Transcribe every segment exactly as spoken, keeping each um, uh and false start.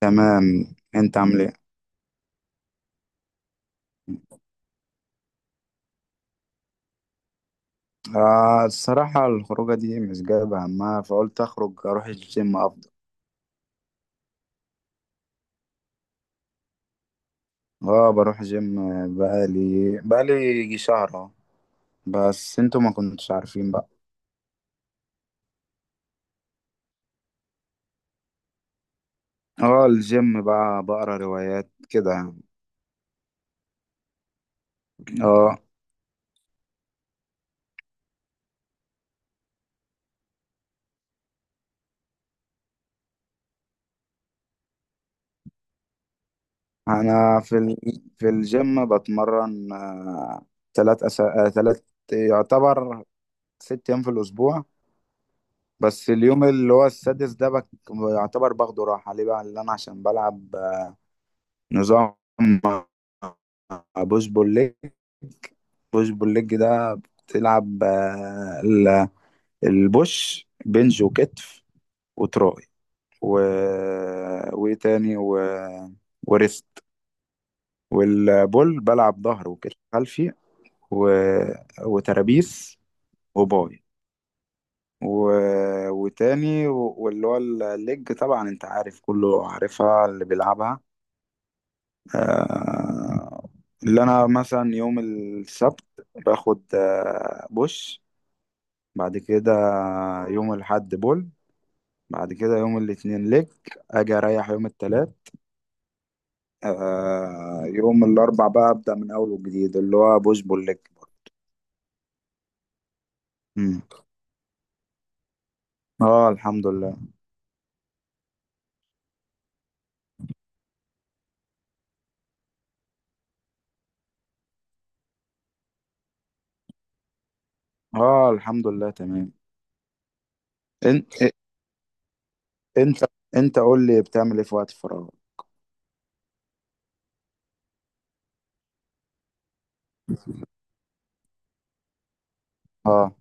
تمام، انت عامل ايه؟ آه، الصراحة الخروجة دي مش جايبة همها، فقلت اخرج اروح الجيم افضل. اه، بروح جيم. بقالي بقالي يجي شهر اهو. بس انتوا ما كنتش عارفين بقى. اه، الجيم بقى بقرا روايات كده يعني. اه، انا في ال... في الجيم بتمرن آه تلات أس... آه تلات، يعتبر ست ايام في الاسبوع. بس اليوم اللي هو السادس ده بك... يعتبر باخده راحة، ليه بقى؟ اللي انا عشان بلعب نظام مع بوش بول ليج بوش بول ليج ده بتلعب، آه، ال- البوش بنج وكتف وتراي و... وايه تاني و... وريست. والبول بلعب ظهر وكتف خلفي و... وترابيس وباي و... وتاني و... واللي هو الليج، طبعا انت عارف كله عارفها اللي بيلعبها. آه، اللي انا مثلا يوم السبت باخد آه، بوش. بعد كده يوم الاحد بول. بعد كده يوم الاثنين ليج. اجي اريح يوم الثلاث. آه يوم الاربع بقى ابدا من اول وجديد، اللي هو بوش بول ليج. مم. اه، الحمد لله. اه، الحمد لله تمام. انت انت انت قول لي بتعمل ايه في وقت الفراغ؟ اه،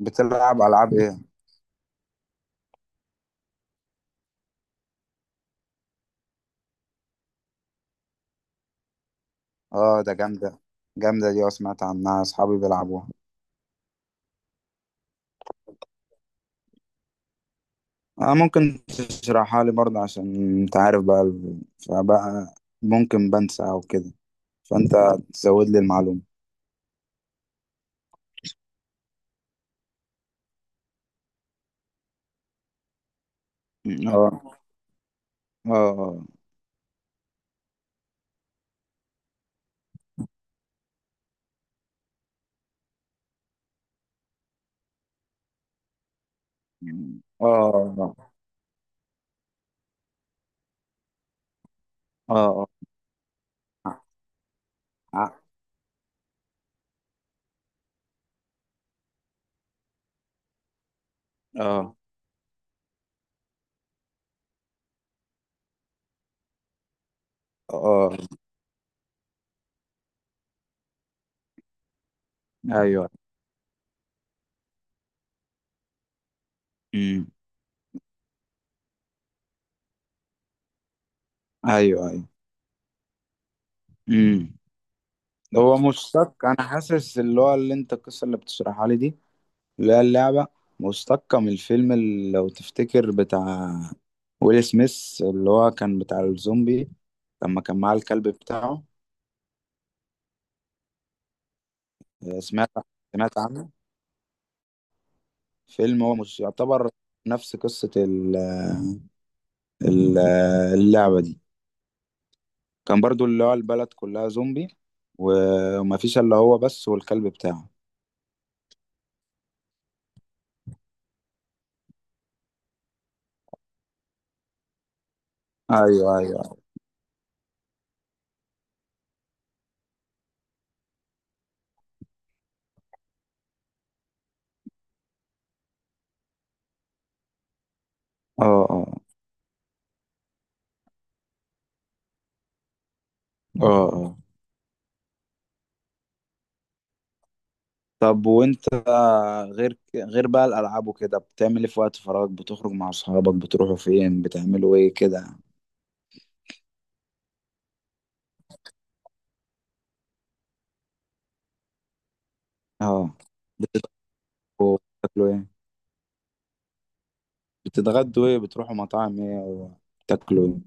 بتلعب العاب ايه؟ اه، ده جامده، جامده دي، اه سمعت عنها، اصحابي بيلعبوها. آه، ممكن تشرحها لي برضه، عشان انت عارف بقى، ال- فبقى ممكن بنسى او كده، فانت تزود لي المعلومة. م- آه. اه، اه، اه، اه، اه، اه، اه، آه. ايوه. م- ايوه، ايوه. امم هو مشتق، انا حاسس اللي هو اللي انت القصه اللي بتشرحها لي دي، اللي هي اللعبه، مشتقه من الفيلم اللي لو تفتكر، بتاع ويل سميث، اللي هو كان بتاع الزومبي، لما كان معاه الكلب بتاعه. سمعت سمعت عنه. فيلم هو مش يعتبر نفس قصة ال- ال- اللعبة دي. كان برضو اللي هو البلد كلها زومبي، و- ومفيش الا هو بس والكلب بتاعه. ايوه، ايوه. اه، اه، اه، اه. طب وانت، غير ك- غير بقى الالعاب وكده، بتعمل ايه في وقت فراغك؟ بتخرج مع اصحابك، بتروحوا فين، بتعملوا ايه كده؟ اه، بتتغدوا؟ بتاكلوا ايه؟ بتتغدوا ايه؟ بتروحوا مطاعم ايه وتاكلوا ايه؟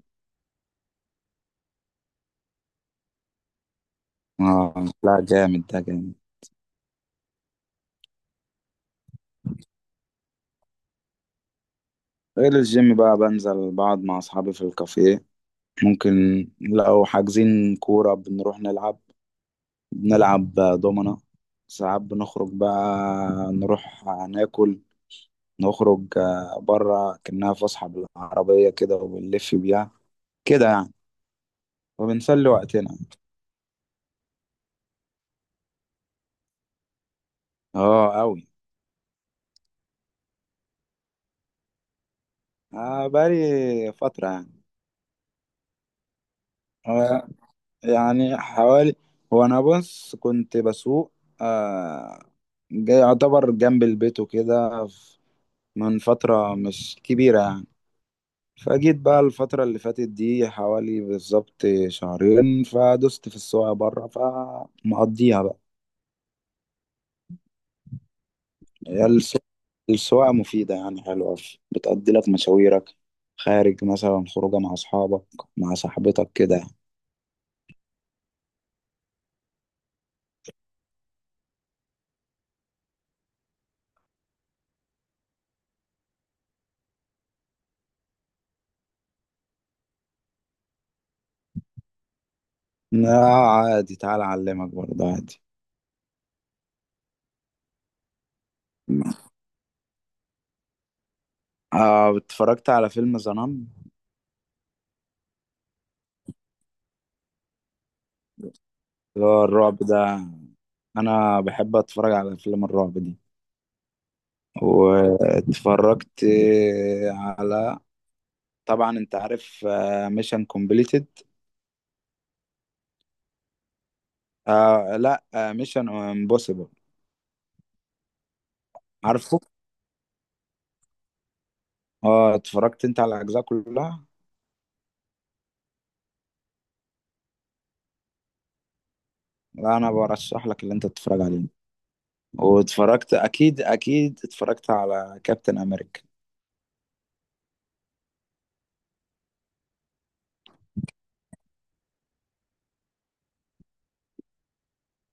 اه لا، جامد ده، جامد. غير الجيم بقى، بنزل بقعد مع أصحابي في الكافيه. ممكن لو حاجزين كورة بنروح نلعب، بنلعب دومنا. ساعات بنخرج بقى، نروح ناكل، نخرج بره كأنها فسحة بالعربية كده، وبنلف بيها كده يعني، وبنسلي وقتنا. اه أوي. آه، بقالي فترة يعني. آه، يعني حوالي، هو أنا بص كنت بسوق، آه، جاي يعتبر جنب البيت وكده من فترة مش كبيرة يعني. فجيت بقى الفترة اللي فاتت دي، حوالي بالظبط شهرين، فدست في السواقة بره، فمقضيها بقى. هي السو- السواقة مفيدة يعني، حلوة، بتقضي لك مشاويرك، خارج مثلا خروجة مع أصحابك، مع صاحبتك كده. لا عادي، تعال أعلمك برضه عادي. آه، اتفرجت على فيلم زنان، اللي هو الرعب ده. أنا بحب أتفرج على فيلم الرعب دي. واتفرجت على، طبعا انت عارف، ميشن كومبليتد. آه لا، ميشن امبوسيبل. عارفه. اه، اتفرجت انت على الاجزاء كلها؟ لا، انا برشح لك اللي انت تتفرج عليه. واتفرجت اكيد، اكيد اتفرجت على كابتن امريكا،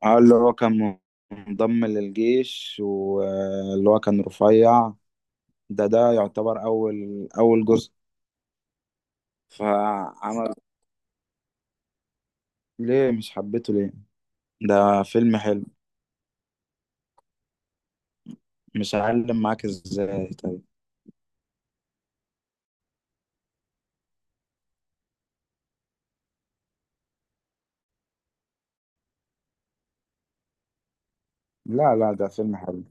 اه، اللي هو كان منضم للجيش، واللي هو كان رفيع. ده ده يعتبر اول اول جزء، فعمل. ليه مش حبيته ليه؟ ده فيلم حلو. مش هعلم معاك ازاي طيب؟ لا، لا، ده فيلم حلو.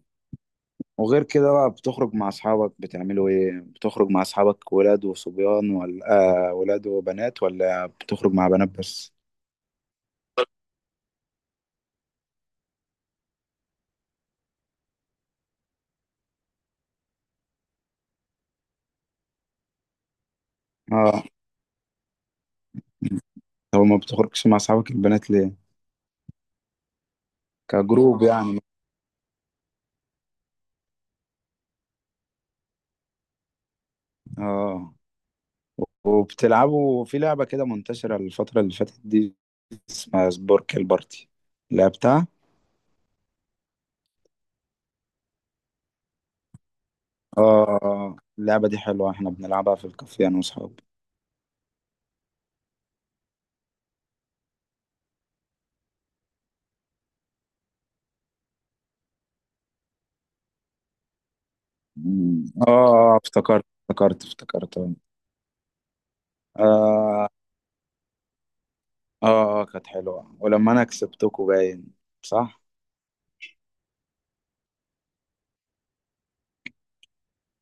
وغير كده بقى، بتخرج مع اصحابك بتعملوا ايه؟ بتخرج مع اصحابك ولاد وصبيان، ولا آه ولاد وبنات، ولا بتخرج مع بنات بس؟ اه طب، ما بتخرجش مع اصحابك البنات ليه، كجروب يعني؟ اه، وبتلعبوا في لعبة كده منتشرة الفترة اللي فاتت دي، اسمها سبورك البارتي، لعبتها. اه، آه. اللعبة دي حلوة، احنا بنلعبها في الكافيه انا واصحابي. مم. اه. آه، افتكرت، افتكرت، افتكرت. آه. اه، اه، كانت حلوة، ولما انا كسبتكوا باين. صح؟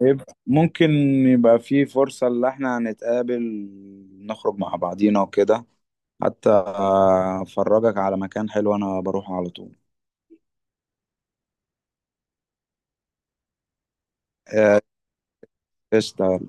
يبقى ممكن، يبقى في فرصة اللي احنا هنتقابل نخرج مع بعضينا وكده، حتى آه، افرجك على مكان حلو انا بروح على طول. آه، قشطة.